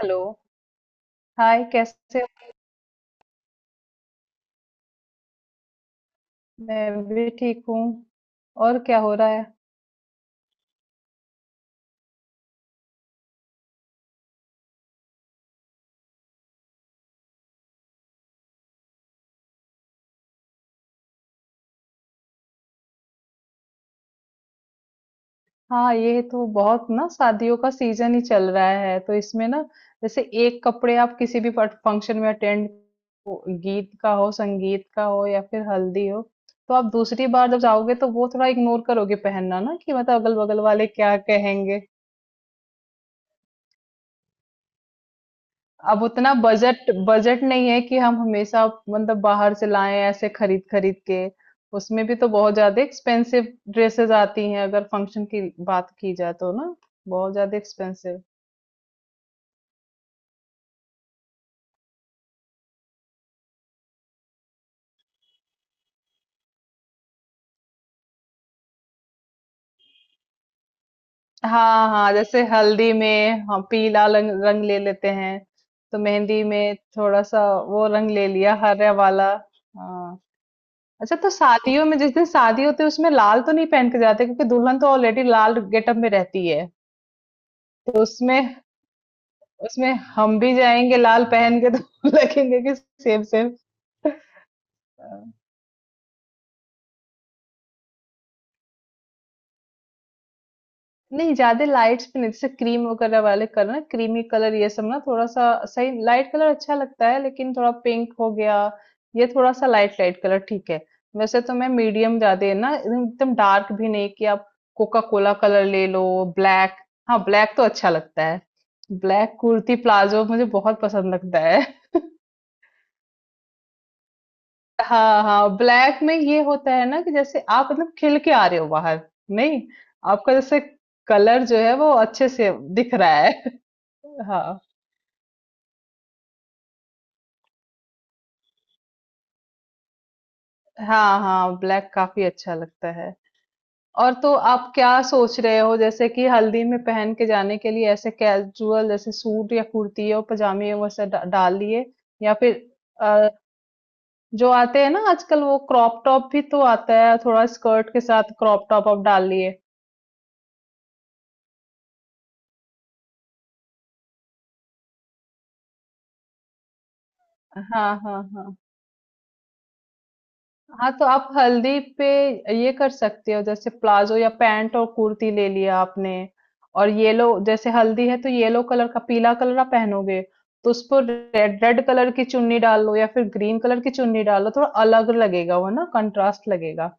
Hello. Hi कैसे हो। मैं भी ठीक हूँ। और क्या हो रहा है? हाँ, ये तो बहुत ना, शादियों का सीजन ही चल रहा है, तो इसमें ना जैसे एक कपड़े आप किसी भी फंक्शन में अटेंड, गीत का हो, संगीत का हो या फिर हल्दी हो, तो आप दूसरी बार जब जाओगे तो वो थोड़ा इग्नोर करोगे पहनना ना कि मतलब अगल बगल वाले क्या कहेंगे। अब उतना बजट बजट नहीं है कि हम हमेशा मतलब बाहर से लाएं, ऐसे खरीद खरीद के। उसमें भी तो बहुत ज्यादा एक्सपेंसिव ड्रेसेस आती हैं अगर फंक्शन की बात की जाए तो ना, बहुत ज्यादा एक्सपेंसिव। हाँ हाँ, जैसे हल्दी में हम पीला रंग रंग ले लेते हैं, तो मेहंदी में थोड़ा सा वो रंग ले लिया, हरा वाला। हाँ। अच्छा, तो शादियों में जिस दिन शादी होती है उसमें लाल तो नहीं पहन के जाते क्योंकि दुल्हन तो ऑलरेडी लाल गेटअप में रहती है, तो उसमें, उसमें हम भी जाएँगे लाल पहन के तो लगेंगे कि सेम सेम। अ, नहीं, ज़्यादा लाइट्स भी नहीं, जैसे क्रीम वगैरह वाले कलर ना, क्रीमी कलर, ये सब ना थोड़ा-सा सही, लाइट कलर अच्छा लगता है, लेकिन थोड़ा पिंक हो गया, ये थोड़ा-सा लाइट लाइट कलर ठीक है। वैसे तो मैं मीडियम, ज़्यादा ना एकदम एकदम डार्क भी नहीं कि आप कोका कोला कलर ले लो, ब्लैक। हाँ, ब्लैक तो अच्छा लगता है। ब्लैक कुर्ती प्लाज़ो मुझे बहुत पसंद लगता है। हाँ हाँ, ब्लैक में ये होता है ना कि जैसे आप मतलब खिल के आ रहे हो बाहर, नहीं, आपका जैसे कलर जो है वो अच्छे से दिख रहा है। हाँ हाँ हाँ, ब्लैक काफी अच्छा लगता है। और तो आप क्या सोच रहे हो, जैसे कि हल्दी में पहन के जाने के लिए ऐसे कैजुअल जैसे सूट या कुर्ती और पजामे वैसे डाल लिए, या फिर अ, जो आते हैं ना आजकल, वो क्रॉप टॉप भी तो आता है थोड़ा स्कर्ट के साथ, क्रॉप टॉप आप डाल लिए। हाँ हाँ हाँ। हाँ, तो आप हल्दी पे ये कर सकते हो, जैसे प्लाजो या पैंट और कुर्ती ले लिया आपने, और येलो, जैसे हल्दी है तो येलो कलर का, पीला कलर आप पहनोगे, तो उस पर रेड रेड कलर की चुन्नी डाल लो या फिर ग्रीन कलर की चुन्नी डाल लो, थोड़ा अलग लगेगा वो ना, कंट्रास्ट लगेगा।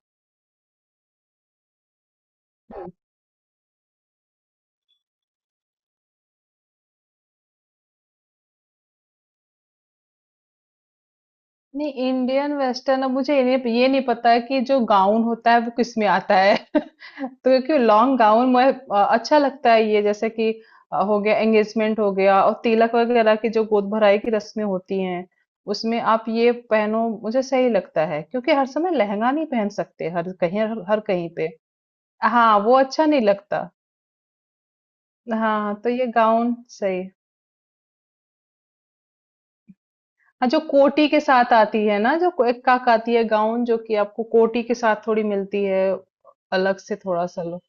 नहीं, इंडियन वेस्टर्न, अब मुझे ये नहीं पता है कि जो गाउन होता है वो किस में आता है तो, क्योंकि लॉन्ग गाउन मैं, अच्छा लगता है ये, जैसे कि हो गया एंगेजमेंट हो गया और तिलक वगैरह की जो गोद भराई की रस्में होती हैं, उसमें आप ये पहनो मुझे सही लगता है, क्योंकि हर समय लहंगा नहीं पहन सकते हर कहीं, हर, हर कहीं पे। हाँ वो अच्छा नहीं लगता। हाँ, तो ये गाउन सही। हाँ, जो कोटी के साथ आती है ना, जो एक काक आती है गाउन, जो कि आपको कोटी के साथ थोड़ी मिलती है। अलग से थोड़ा सा लो,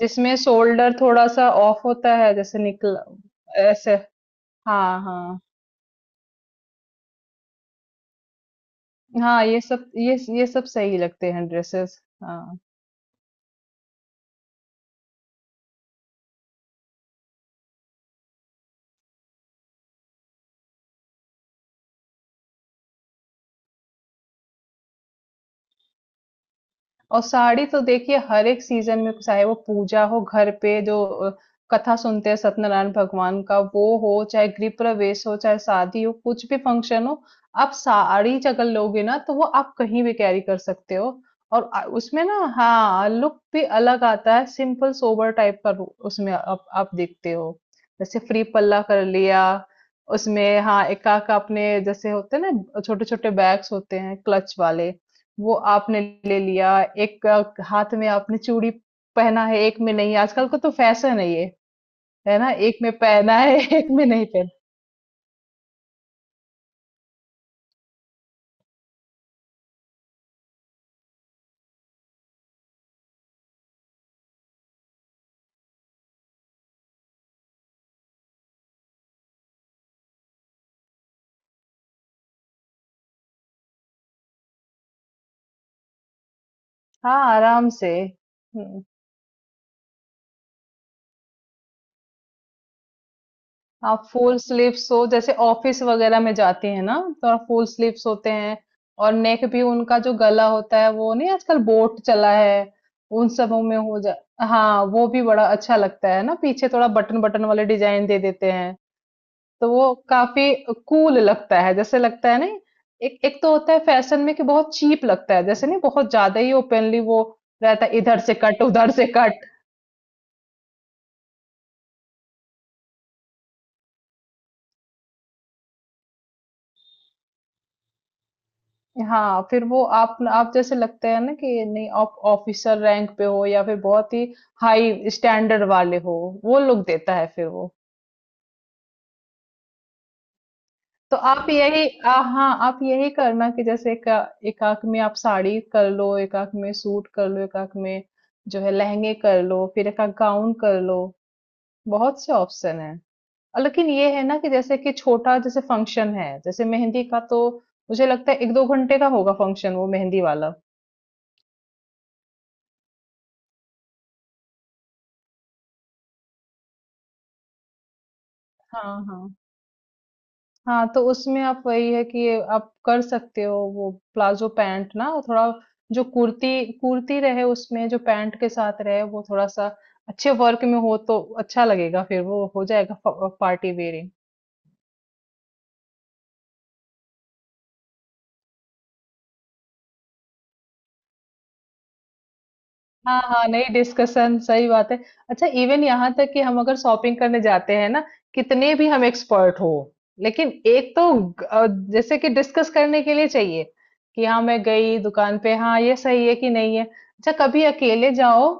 जिसमें शोल्डर थोड़ा सा ऑफ होता है, जैसे निकल, ऐसे। हाँ हाँ। हाँ, ये सब, ये सब सही लगते हैं ड्रेसेस, हाँ। और साड़ी तो देखिए हर एक सीजन में, चाहे वो पूजा हो घर पे जो कथा सुनते हैं, सत्यनारायण भगवान का वो हो, चाहे गृह प्रवेश हो, चाहे शादी हो, कुछ भी फंक्शन हो, आप साड़ी अगर लोगे ना, तो वो आप कहीं भी कैरी कर सकते हो। और उसमें ना, हाँ, लुक भी अलग आता है, सिंपल सोबर टाइप का, उसमें आप देखते हो, जैसे फ्री पल्ला कर लिया, उसमें हाँ, एकाक अपने जैसे होते हैं ना, छोटे छोटे बैग्स होते हैं क्लच वाले, वो आपने ले लिया, एक हाथ में आपने चूड़ी पहना है, एक में नहीं, आजकल का तो फैशन है ये, है ना? एक में पहना है, एक में नहीं पहना। हाँ, आराम से। हुँ। आप फुल स्लीव्स हो, जैसे ऑफिस वगैरह में जाती हैं ना, तो आप फुल स्लीव्स होते हैं, और नेक भी उनका जो गला होता है, वो नहीं, आजकल बोट चला है, उन सबों में हो जा, हाँ, वो भी बड़ा अच्छा लगता है ना, पीछे थोड़ा बटन-बटन वाले डिज़ाइन दे देते हैं। तो वो काफी कूल लगता है, जैसे लगता है नहीं। एक, एक तो होता है फैशन में कि बहुत चीप लगता है, जैसे नहीं, बहुत ज्यादा ही ओपनली वो रहता है, इधर से कट, उधर से कट। हाँ, फिर वो आप, जैसे लगते हैं ना कि नहीं, आप ऑफिसर रैंक पे हो या फिर बहुत ही हाई स्टैंडर्ड वाले हो, वो लुक देता है फिर वो। तो आप यही हाँ, आप यही करना कि जैसे एक, एक आंख में आप साड़ी कर लो, एक आंख में सूट कर लो, एक आंख में जो है लहंगे कर लो, फिर एक आंख गाउन कर लो। बहुत से ऑप्शन हैं। और लेकिन ये है ना कि जैसे कि छोटा जैसे फंक्शन है, जैसे मेहंदी का, तो मुझे लगता है एक दो घंटे का होगा फंक्शन वो मेहंदी वाला। हाँ हाँ। हाँ, तो उसमें आप वही है कि ये आप कर सकते हो, वो प्लाजो पैंट ना, और थोड़ा जो कुर्ती कुर्ती रहे उसमें, जो पैंट के साथ रहे वो थोड़ा सा अच्छे वर्क में हो तो अच्छा लगेगा, फिर वो हो जाएगा पार्टी वेयरिंग। हाँ, हाँ, नहीं, डिस्कशन सही बात है। अच्छा, इवन यहाँ तक कि हम अगर शॉपिंग करने जाते हैं ना, कितने भी हम एक्सपर्ट हो, लेकिन एक तो जैसे कि डिस्कस करने के लिए चाहिए कि हाँ मैं गई दुकान पे, हाँ ये सही है कि नहीं है। अच्छा, कभी अकेले जाओ,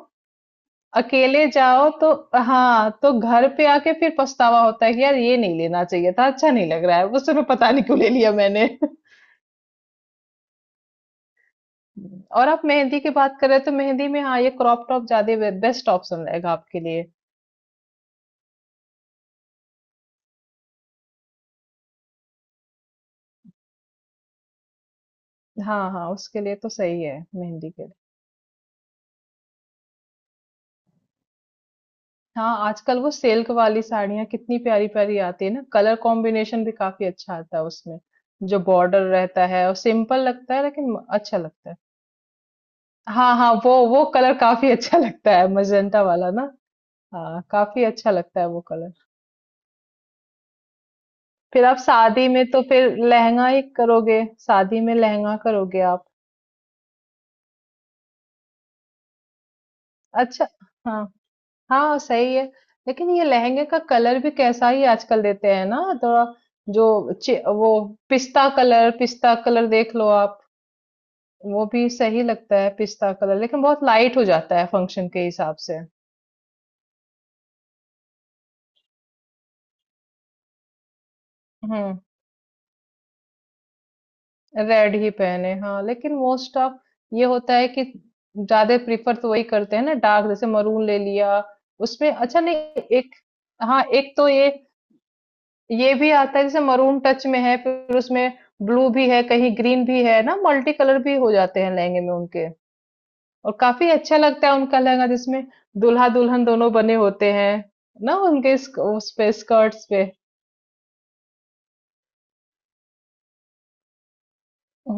अकेले जाओ तो हाँ, तो घर पे आके फिर पछतावा होता है कि यार ये नहीं लेना चाहिए था, अच्छा नहीं लग रहा है, उस समय पता नहीं क्यों ले लिया मैंने। और आप मेहंदी की बात करें तो मेहंदी में हाँ, ये क्रॉप टॉप ज्यादा बेस्ट ऑप्शन रहेगा आपके लिए। हाँ हाँ, उसके लिए तो सही है मेहंदी के लिए। हाँ, आजकल वो सिल्क वाली साड़ियाँ कितनी प्यारी प्यारी आती है ना, कलर कॉम्बिनेशन भी काफी अच्छा आता है उसमें, जो बॉर्डर रहता है, और सिंपल लगता है लेकिन अच्छा लगता है। हाँ हाँ, वो कलर काफी अच्छा लगता है, मजेंटा वाला ना। हाँ, काफी अच्छा लगता है वो कलर। फिर आप शादी में तो फिर लहंगा ही करोगे, शादी में लहंगा करोगे आप। अच्छा। हाँ। हाँ, सही है। लेकिन ये लहंगे का कलर भी कैसा ही आजकल देते हैं ना, थोड़ा जो चि वो पिस्ता कलर, पिस्ता कलर देख लो आप, वो भी सही लगता है पिस्ता कलर, लेकिन बहुत लाइट हो जाता है फंक्शन के हिसाब से। हम्म, रेड ही पहने हाँ, लेकिन मोस्ट ऑफ ये होता है कि ज्यादा प्रिफर तो वही करते हैं ना डार्क, जैसे मरून ले लिया, उसमें अच्छा नहीं। एक, हाँ एक तो ये भी आता है, जैसे मरून टच में है, फिर उसमें ब्लू भी है, कहीं ग्रीन भी है ना, मल्टी कलर भी हो जाते हैं लहंगे में उनके। और काफ़ी अच्छा लगता है उनका लहंगा जिसमें दूल्हा-दुल्हन दोनों बने होते हैं, ना उनके स्क, उस पे, स्कर्ट्स पे।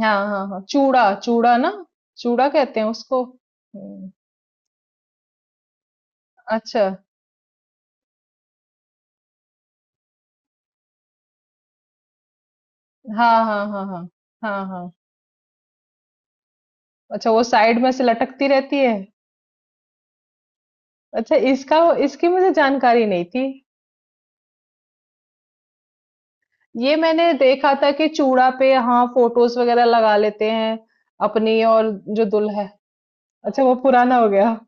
हाँ, हाँ, हाँ, चूड़ा चूड़ा ना? चूड़ा कहते हैं उसको? हुँ, अच्छा। हाँ, हाँ, हाँ, हाँ। हाँ, हाँ। अच्छा, वो साइड में से लटकती रहती है? अच्छा, इसका, इसकी मुझे जानकारी नहीं थी। ये मैंने देखा था कि चूड़ा पे हाँ फोटोज वगैरह लगा लेते हैं अपनी और जो दुल्हा है। अच्छा, वो पुराना हो गया।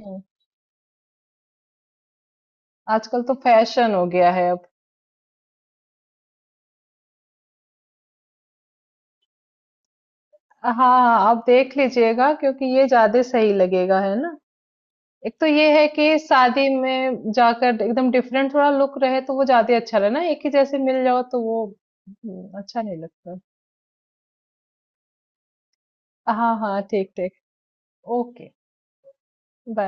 हम्म, आजकल तो फैशन हो गया है अब। हाँ हाँ, आप देख लीजिएगा क्योंकि ये ज्यादा सही लगेगा, है ना? एक तो ये है कि शादी में जाकर एकदम डिफरेंट थोड़ा लुक रहे तो वो ज्यादा अच्छा रहे ना, एक ही जैसे मिल जाओ तो वो अच्छा नहीं लगता। हाँ हाँ, ठीक ठीक। Okay, bye.